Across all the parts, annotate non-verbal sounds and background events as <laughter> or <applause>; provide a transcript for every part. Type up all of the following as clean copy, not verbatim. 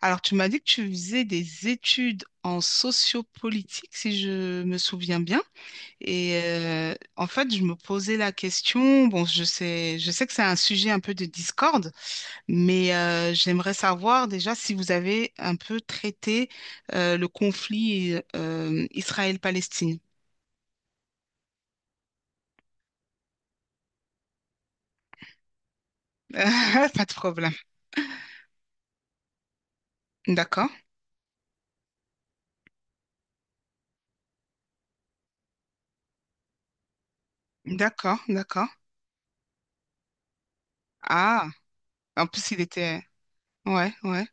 Alors, tu m'as dit que tu faisais des études en sociopolitique, si je me souviens bien. En fait, je me posais la question. Bon, je sais que c'est un sujet un peu de discorde, mais j'aimerais savoir déjà si vous avez un peu traité le conflit Israël-Palestine. <laughs> Pas de problème. D'accord, d'accord. Ah, en plus, il était... Ouais, ouais.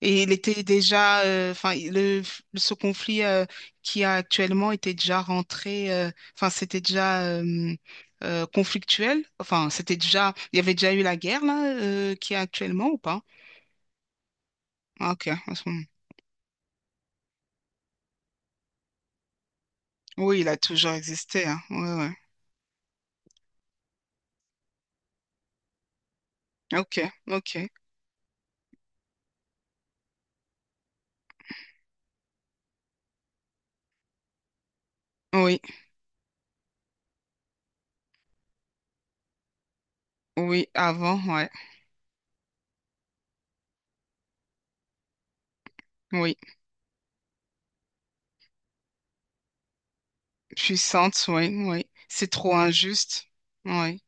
Et il était déjà, enfin, ce conflit qui a actuellement était déjà rentré, enfin, c'était déjà conflictuel. Enfin, c'était déjà, il y avait déjà eu la guerre là, qui est actuellement ou pas? Ah, ok. À ce moment... Oui, il a toujours existé. Hein. Ouais, ouais. Ok, ok. Oui, oui, avant, ouais. Oui, puissante, oui, oui. C'est trop injuste. Oui,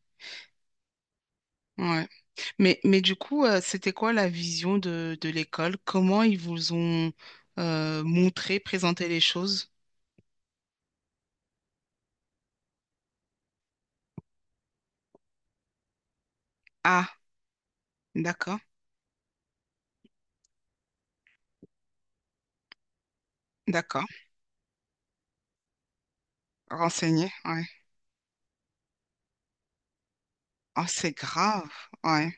oui. Mais du coup, c'était quoi la vision de l'école? Comment ils vous ont montré, présenté les choses? Ah, d'accord, d'accord. Renseigné, ouais. Oh, c'est grave, ouais.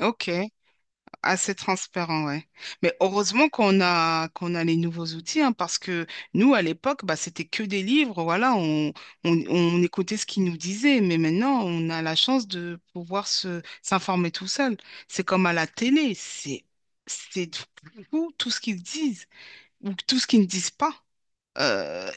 Ok, assez transparent, ouais. Mais heureusement qu'on a les nouveaux outils, hein, parce que nous, à l'époque, bah, c'était que des livres, voilà, on, on écoutait ce qu'ils nous disaient, mais maintenant, on a la chance de pouvoir se s'informer tout seul. C'est comme à la télé, c'est tout ce qu'ils disent ou tout ce qu'ils ne disent pas. Euh,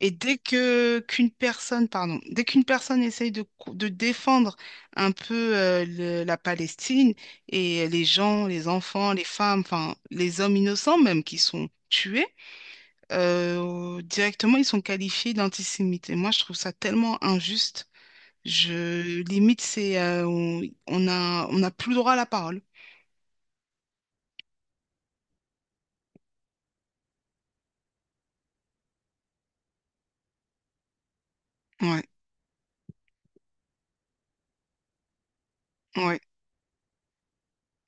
et dès que qu'une personne, pardon, dès qu'une personne essaye de, de défendre un peu la Palestine et les gens, les enfants, les femmes, enfin les hommes innocents même qui sont tués, directement ils sont qualifiés d'antisémites. Et moi je trouve ça tellement injuste. Je limite c'est on a on n'a plus le droit à la parole. Ouais, ouais.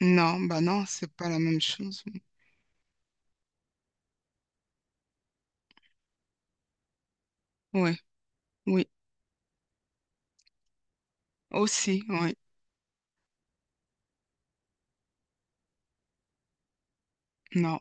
Non, bah non, c'est pas la même chose. Ouais, oui, aussi, ouais, non.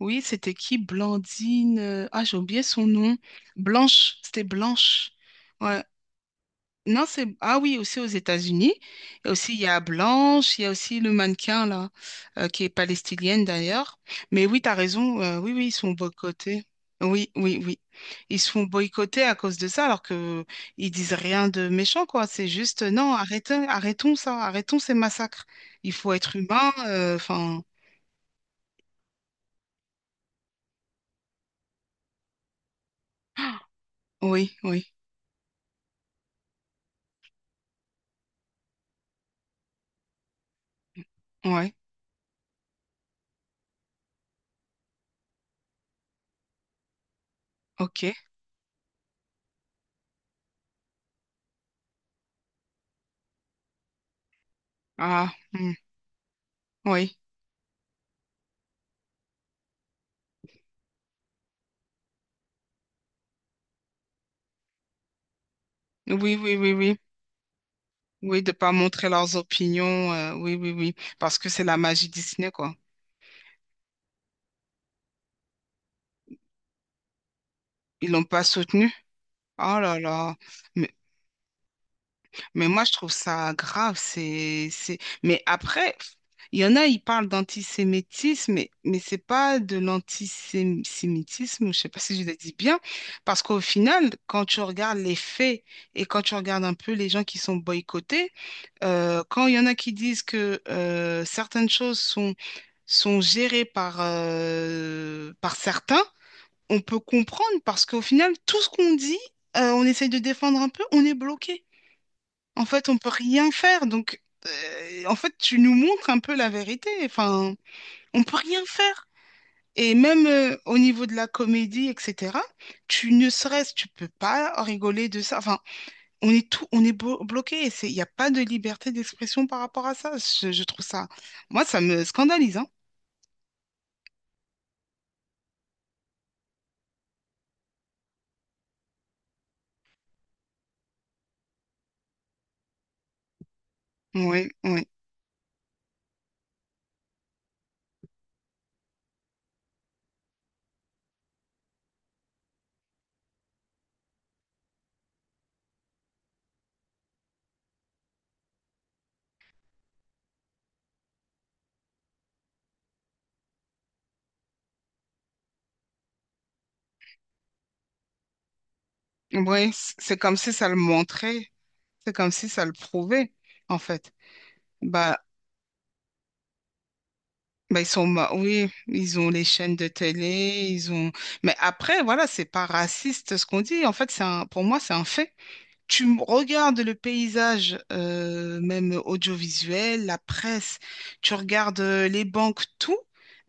Oui, c'était qui? Blandine. Ah, j'ai oublié son nom. Blanche, c'était Blanche. Ouais. Non, c'est. Ah oui, aussi aux États-Unis. Et aussi, il y a Blanche, il y a aussi le mannequin, là, qui est palestinienne d'ailleurs. Mais oui, tu as raison. Oui, oui, ils sont boycottés. Oui, oui, oui. Ils se font boycotter à cause de ça, alors que ils disent rien de méchant, quoi. C'est juste, non, arrêtons ça, arrêtons ces massacres. Il faut être humain. Enfin, oui, oui, ouais, ok. Ah, hmm, oui, oui, oui, oui, oui. Oui, de pas montrer leurs opinions, oui, oui, oui, parce que c'est la magie Disney, quoi. Ils l'ont pas soutenu. Oh là là. Mais Mais moi, je trouve ça grave. C'est... Mais après, il y en a, ils parlent d'antisémitisme, mais c'est pas de l'antisémitisme, je sais pas si je le dis bien, parce qu'au final, quand tu regardes les faits et quand tu regardes un peu les gens qui sont boycottés, quand il y en a qui disent que certaines sont gérées par, par certains, on peut comprendre parce qu'au final, tout ce qu'on dit, on essaye de défendre un peu, on est bloqué. En fait, on peut rien faire. Donc, en fait, tu nous montres un peu la vérité. Enfin, on peut rien faire. Et même au niveau de la comédie, etc., tu ne serais-ce, tu peux pas rigoler de ça. Enfin, on est tout, on est bloqué. Et c'est... Il n'y a pas de liberté d'expression par rapport à ça. Je trouve ça, moi, ça me scandalise, hein. Oui, oui. Oui, c'est comme si ça le montrait. C'est comme si ça le prouvait, en fait. Bah, Bah, oui, ils ont les chaînes de télé, ils ont. Mais après, voilà, c'est pas raciste ce qu'on dit. En fait, pour moi, c'est un fait. Tu regardes le paysage, même audiovisuel, la presse, tu regardes les banques, tout.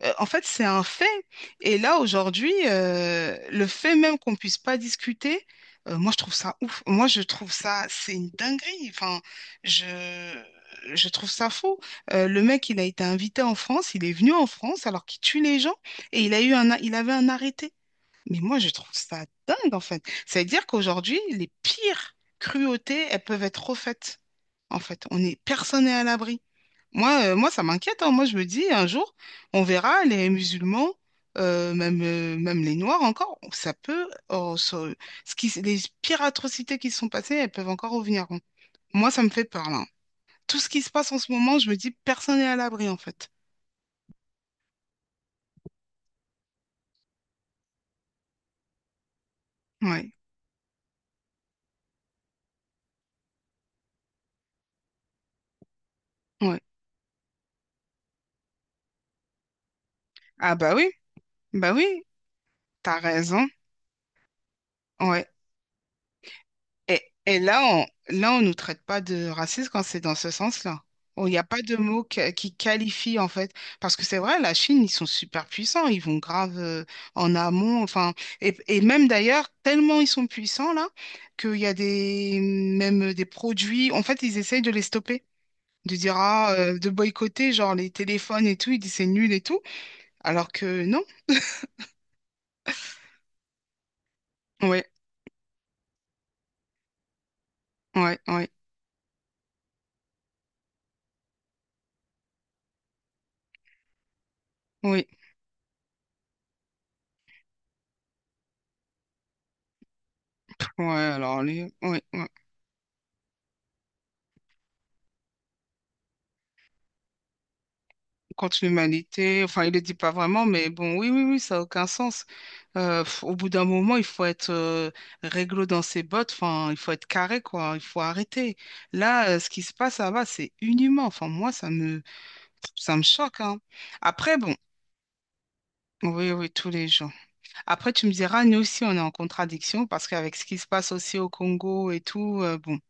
En fait, c'est un fait. Et là, aujourd'hui, le fait même qu'on puisse pas discuter, moi, je trouve ça ouf. Moi, je trouve ça, c'est une dinguerie. Enfin, je, je trouve ça fou. Le mec, il a été invité en France, il est venu en France alors qu'il tue les gens et il a eu il avait un arrêté. Mais moi, je trouve ça dingue, en fait. Ça veut dire qu'aujourd'hui, les pires cruautés, elles peuvent être refaites, en fait. Personne n'est à l'abri. Moi, ça m'inquiète. Hein. Moi, je me dis, un jour, on verra les musulmans, même les noirs encore, oh, ce qui, les pires atrocités qui se sont passées, elles peuvent encore revenir. Hein. Moi, ça me fait peur, là. Tout ce qui se passe en ce moment, je me dis, personne n'est à l'abri, en fait. Ouais, ouais. Ah bah oui, t'as raison. Ouais. Et là, là, on ne nous traite pas de racisme quand c'est dans ce sens-là. Il n'y a pas de mot qui qualifie, en fait. Parce que c'est vrai, la Chine, ils sont super puissants. Ils vont grave en amont. Enfin, et même d'ailleurs, tellement ils sont puissants, là, qu'il y même des produits. En fait, ils essayent de les stopper. De dire, ah, de boycotter, genre les téléphones et tout. Ils disent c'est nul et tout. Alors que non. Ouais, ouais, ouais. Oui, ouais, ouais, ouais. Contre l'humanité. Enfin, il ne le dit pas vraiment, mais bon, oui, oui, oui, ça n'a aucun sens. Pff, au bout d'un moment, il faut être réglo dans ses bottes. Enfin, il faut être carré, quoi. Il faut arrêter. Là, ce qui se passe, ça va, c'est inhumain. Enfin, ça me choque, hein. Après, bon. Oui, oui, tous les jours. Après, tu me diras, nous aussi, on est en contradiction parce qu'avec ce qui se passe aussi au Congo et tout, bon,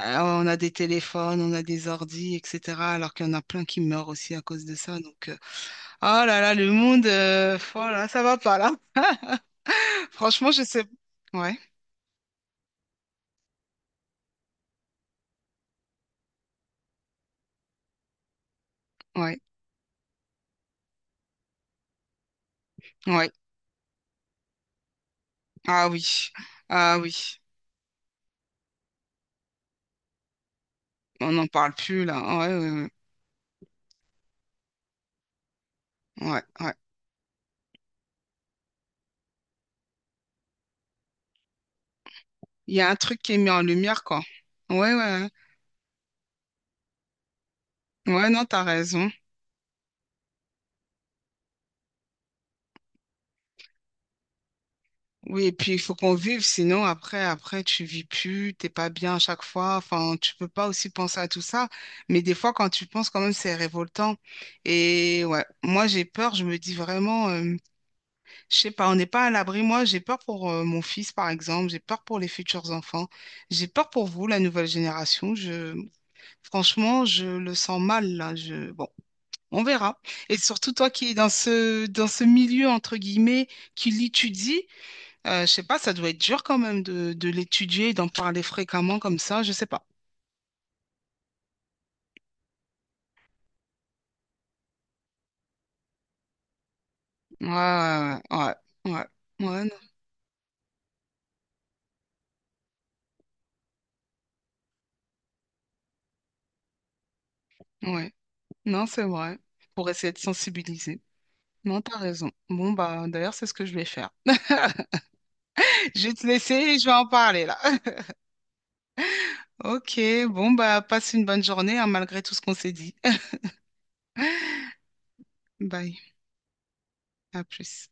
on a des téléphones, on a des ordis, etc. Alors qu'il y en a plein qui meurent aussi à cause de ça. Donc, ah là là, le monde, voilà, ça va pas là. <laughs> Franchement, je sais. Ouais, ouais, ouais. Ah oui, ah oui. On n'en parle plus là. Ouais, ouais, ouais, ouais. Ouais. Il y a un truc qui est mis en lumière, quoi. Ouais, ouais, ouais. Ouais, non, t'as raison. Oui, et puis il faut qu'on vive, sinon après, tu vis plus, t'es pas bien à chaque fois. Enfin, tu peux pas aussi penser à tout ça. Mais des fois, quand tu penses, quand même, c'est révoltant. Et ouais, moi j'ai peur. Je me dis vraiment. Je sais pas, on n'est pas à l'abri. Moi, j'ai peur pour mon fils, par exemple. J'ai peur pour les futurs enfants. J'ai peur pour vous, la nouvelle génération. Je... Franchement, je le sens mal, là. Je... Bon, on verra. Et surtout, toi qui es dans dans ce milieu, entre guillemets, qui l'étudie, je sais pas, ça doit être dur quand même de l'étudier, et d'en parler fréquemment comme ça. Je sais pas. Ouais, ouais, ouais. Ouais, ouais, ouais, non, ouais. Non, c'est vrai. Pour essayer de sensibiliser. Non, t'as raison. Bon, bah, d'ailleurs, c'est ce que je vais faire. Je vais te laisser, et je vais en parler là. <laughs> Ok, bon, bah, passe une bonne journée, hein, malgré tout ce qu'on s'est dit. <laughs> Bye, à plus.